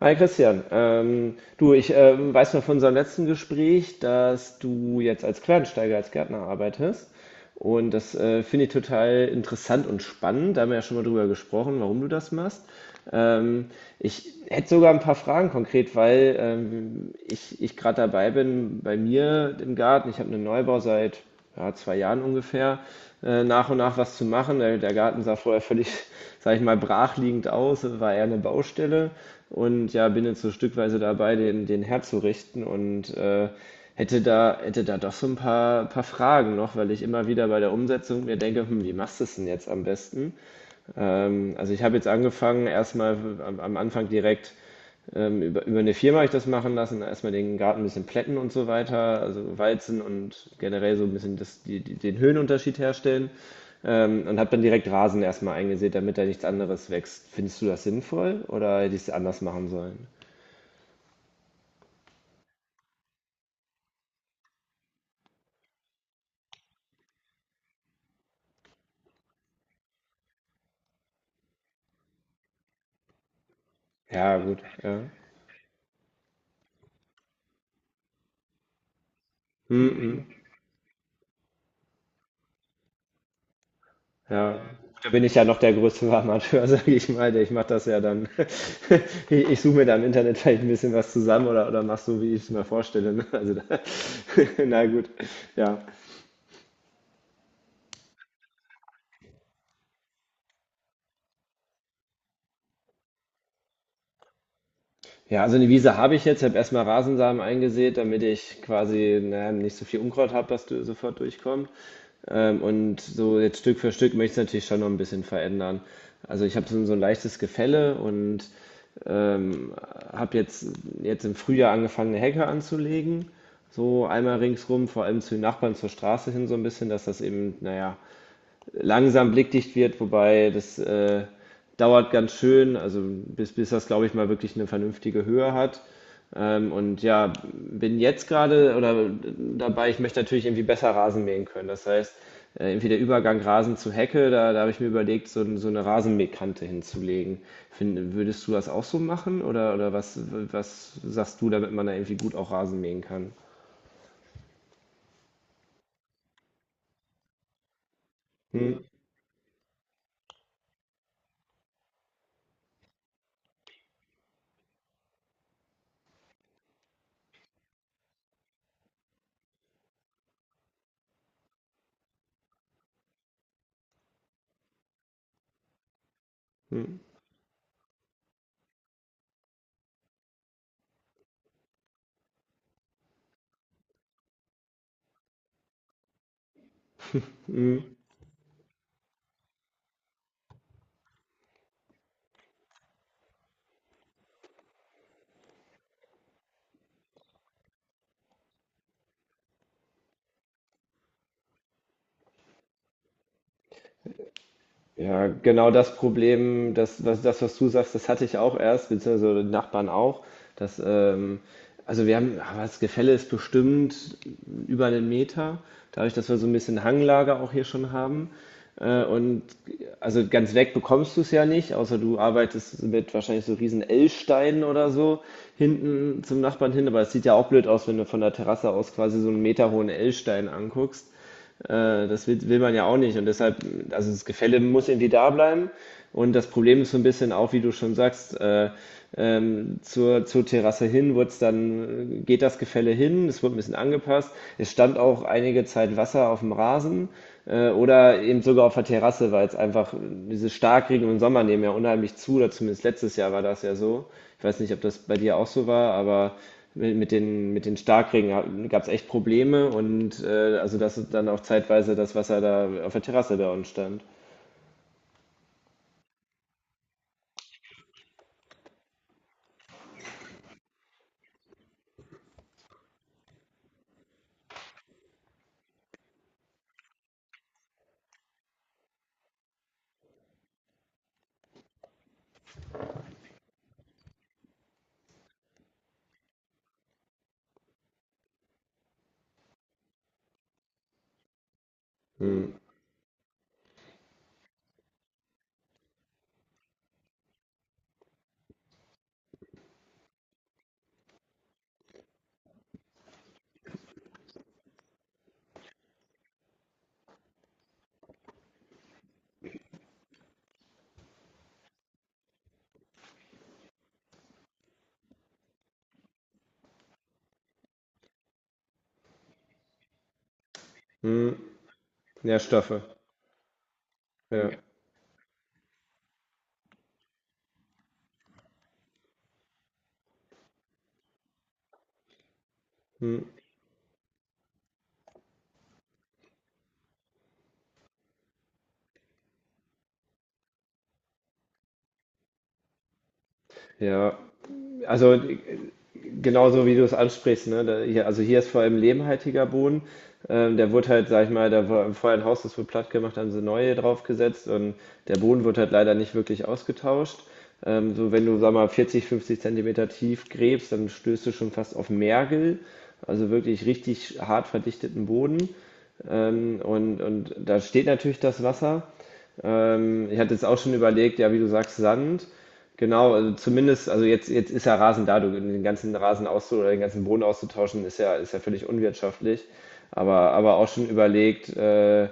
Hi Christian, du, ich weiß noch von unserem letzten Gespräch, dass du jetzt als Quereinsteiger, als Gärtner arbeitest. Und das finde ich total interessant und spannend. Da haben wir ja schon mal drüber gesprochen, warum du das machst. Ähm, ich hätte sogar ein paar Fragen konkret, weil ich gerade dabei bin bei mir im Garten. Ich habe einen Neubau seit ja, zwei Jahren ungefähr, nach und nach was zu machen. Der Garten sah vorher völlig, sage ich mal, brachliegend aus, es war eher eine Baustelle und ja, bin jetzt so stückweise dabei, den herzurichten und hätte da doch so ein paar, Fragen noch, weil ich immer wieder bei der Umsetzung mir denke, hm, wie machst du es denn jetzt am besten? Also ich habe jetzt angefangen, erstmal am Anfang direkt über eine Firma habe ich das machen lassen, erstmal den Garten ein bisschen plätten und so weiter, also walzen und generell so ein bisschen den Höhenunterschied herstellen. Und habe dann direkt Rasen erstmal eingesät, damit da nichts anderes wächst. Findest du das sinnvoll oder hätte ich es anders machen sollen? Ja, gut, ja. Mm -mm. Ja, da bin ich ja noch der größte Amateur, sage ich mal. Ich mache das ja dann. Ich suche mir da im Internet vielleicht ein bisschen was zusammen oder mach so, wie ich es mir vorstelle. Ne? Also da, na gut, ja. Ja, also eine Wiese habe ich jetzt. Ich habe erstmal Rasensamen eingesät, damit ich quasi naja, nicht so viel Unkraut habe, dass du sofort durchkommt. Und so jetzt Stück für Stück möchte ich es natürlich schon noch ein bisschen verändern. Also ich habe so, so ein leichtes Gefälle und Ähm, habe jetzt im Frühjahr angefangen, eine Hecke anzulegen. So einmal ringsrum, vor allem zu den Nachbarn zur Straße hin so ein bisschen, dass das eben, naja, langsam blickdicht wird, wobei das dauert ganz schön, also bis das, glaube ich, mal wirklich eine vernünftige Höhe hat. Und ja, bin jetzt gerade oder dabei, ich möchte natürlich irgendwie besser Rasen mähen können. Das heißt, irgendwie der Übergang Rasen zu Hecke, da habe ich mir überlegt, so, so eine Rasenmähkante hinzulegen. Würdest du das auch so machen oder was, sagst du, damit man da irgendwie gut auch Rasen mähen kann? Hm? Hm? Ja, genau das Problem, das, was du sagst, das hatte ich auch erst, beziehungsweise die Nachbarn auch. Dass, also wir haben, aber das Gefälle ist bestimmt über einen Meter, dadurch, dass wir so ein bisschen Hanglage auch hier schon haben. Und also ganz weg bekommst du es ja nicht, außer du arbeitest mit wahrscheinlich so riesen L-Steinen oder so hinten zum Nachbarn hin. Aber es sieht ja auch blöd aus, wenn du von der Terrasse aus quasi so einen meterhohen L-Stein anguckst. Will man ja auch nicht. Und deshalb, also das Gefälle muss irgendwie da bleiben. Und das Problem ist so ein bisschen auch, wie du schon sagst, zur Terrasse hin wird's dann, geht das Gefälle hin, es wurde ein bisschen angepasst. Es stand auch einige Zeit Wasser auf dem Rasen oder eben sogar auf der Terrasse, weil es einfach diese Starkregen im Sommer nehmen ja unheimlich zu, oder zumindest letztes Jahr war das ja so. Ich weiß nicht, ob das bei dir auch so war, aber mit den Starkregen gab es echt Probleme und also dass dann auch zeitweise das Wasser da auf der Terrasse bei uns stand. Hm. Hm. Nährstoffe. Ja. Hm. Ja. Also genauso wie du es ansprichst, ne? Da, hier, also hier ist vor allem lehmhaltiger Boden. Der wurde halt, sag ich mal, da war vorher ein Haus, das wurde platt gemacht, haben sie neue draufgesetzt und der Boden wird halt leider nicht wirklich ausgetauscht. So wenn du, sag mal, 40, 50 Zentimeter tief gräbst, dann stößt du schon fast auf Mergel, also wirklich richtig hart verdichteten Boden. Und da steht natürlich das Wasser. Ich hatte jetzt auch schon überlegt, ja, wie du sagst, Sand. Genau, also zumindest, also jetzt ist ja Rasen da, du, den ganzen Rasen auszu oder den ganzen Boden auszutauschen, ist ja völlig unwirtschaftlich. Aber auch schon überlegt,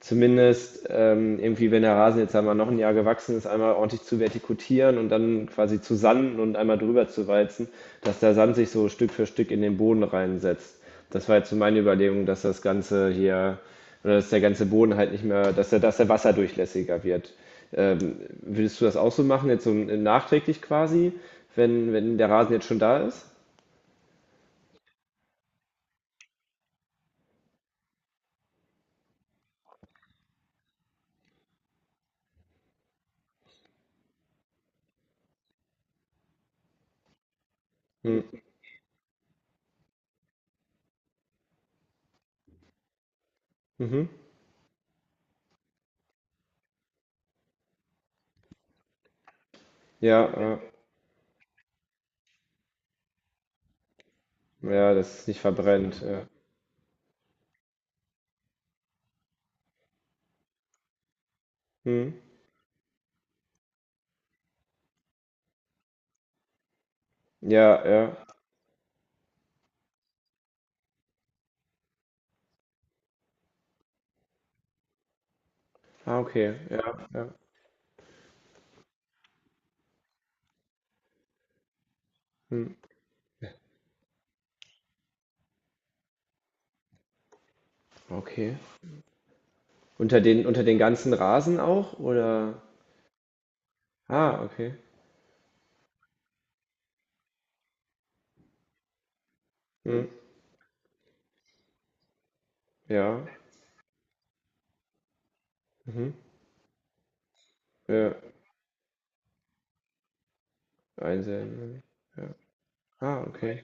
zumindest irgendwie, wenn der Rasen jetzt einmal noch ein Jahr gewachsen ist, einmal ordentlich zu vertikutieren und dann quasi zu sanden und einmal drüber zu walzen, dass der Sand sich so Stück für Stück in den Boden reinsetzt. Das war jetzt so meine Überlegung, dass das Ganze hier, oder dass der ganze Boden halt nicht mehr, dass der wasserdurchlässiger wird. Würdest du das auch so machen, jetzt so nachträglich quasi, wenn der Rasen jetzt schon da ist? Hm. Mhm. Ja, äh, ja, dass es nicht verbrennt. Ja, hm. Ja, ja. Ah, okay. Ja, ja. Hm. Okay. Unter den ganzen Rasen auch, oder? Ah, okay. Hm. Ja. Mhm. Ja. Einsehen. Ja. Ah, okay.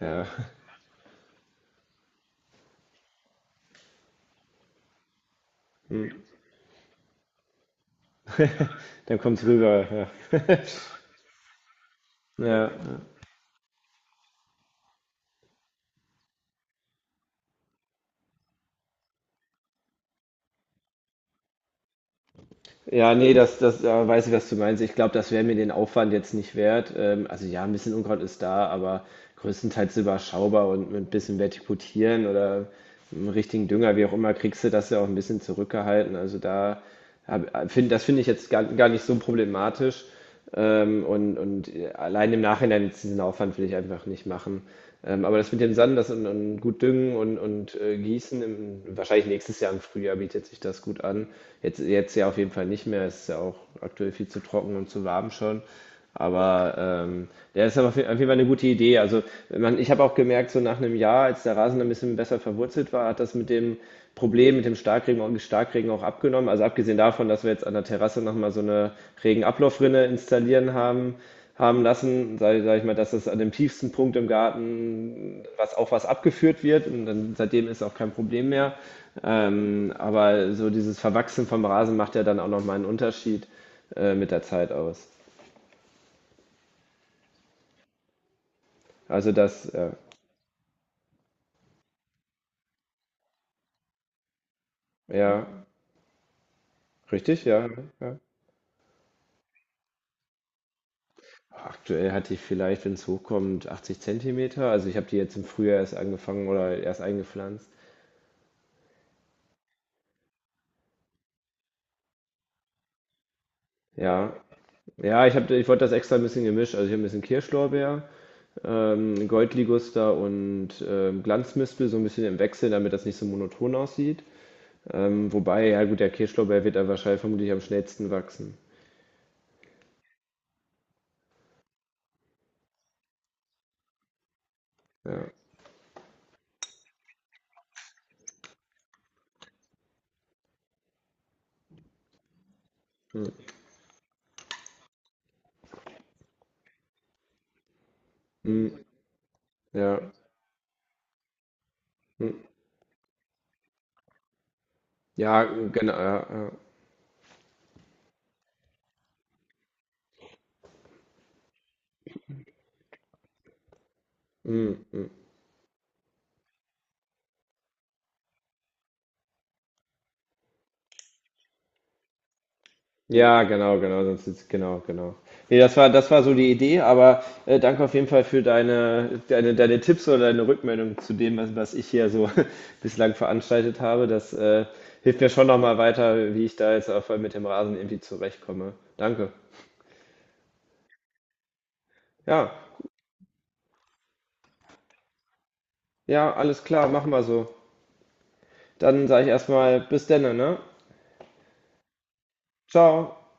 Ja, hm. Dann kommt's rüber. Ja, ja. Ja, nee, das weiß ich, was du meinst. Ich glaube, das wäre mir den Aufwand jetzt nicht wert. Also ja, ein bisschen Unkraut ist da, aber größtenteils überschaubar und mit ein bisschen Vertikutieren oder einem richtigen Dünger, wie auch immer, kriegst du das ja auch ein bisschen zurückgehalten. Also das finde ich jetzt gar nicht so problematisch. Und allein im Nachhinein jetzt diesen Aufwand will ich einfach nicht machen. Aber das mit dem Sand, und gut düngen und gießen, im, wahrscheinlich nächstes Jahr im Frühjahr bietet sich das gut an. Jetzt ja auf jeden Fall nicht mehr, es ist ja auch aktuell viel zu trocken und zu warm schon. Aber ähm, ja, ist aber auf jeden Fall eine gute Idee. Also man, ich habe auch gemerkt, so nach einem Jahr, als der Rasen ein bisschen besser verwurzelt war, hat das mit dem Problem, mit dem Starkregen, Starkregen auch abgenommen. Also abgesehen davon, dass wir jetzt an der Terrasse nochmal so eine Regenablaufrinne haben lassen, sag ich mal, dass das an dem tiefsten Punkt im Garten was abgeführt wird und dann seitdem ist auch kein Problem mehr. Aber so dieses Verwachsen vom Rasen macht ja dann auch nochmal einen Unterschied mit der Zeit aus. Also das, ja, richtig, ja, ja. Aktuell hatte ich vielleicht, wenn es hochkommt, 80 Zentimeter. Also ich habe die jetzt im Frühjahr erst angefangen oder erst eingepflanzt. Ja, ja, ich wollte das extra ein bisschen gemischt. Also ich habe ein bisschen Kirschlorbeer, Goldliguster und Glanzmispel so ein bisschen im Wechsel, damit das nicht so monoton aussieht. Wobei, ja gut, der Kirschlorbeer wird da wahrscheinlich vermutlich am schnellsten wachsen. Ja, hm, hm, ja, hm, ja, genau, ja, ja, hm, hm. Ja, genau, genau, sonst ist, genau, genau. Nee, das war so die Idee, aber danke auf jeden Fall für deine Tipps oder deine Rückmeldung zu dem, was ich hier so bislang veranstaltet habe. Das hilft mir schon nochmal weiter, wie ich da jetzt mit dem Rasen irgendwie zurechtkomme. Danke. Ja, ja, alles klar, machen wir so. Dann sage ich erstmal bis denne, ne? Ciao.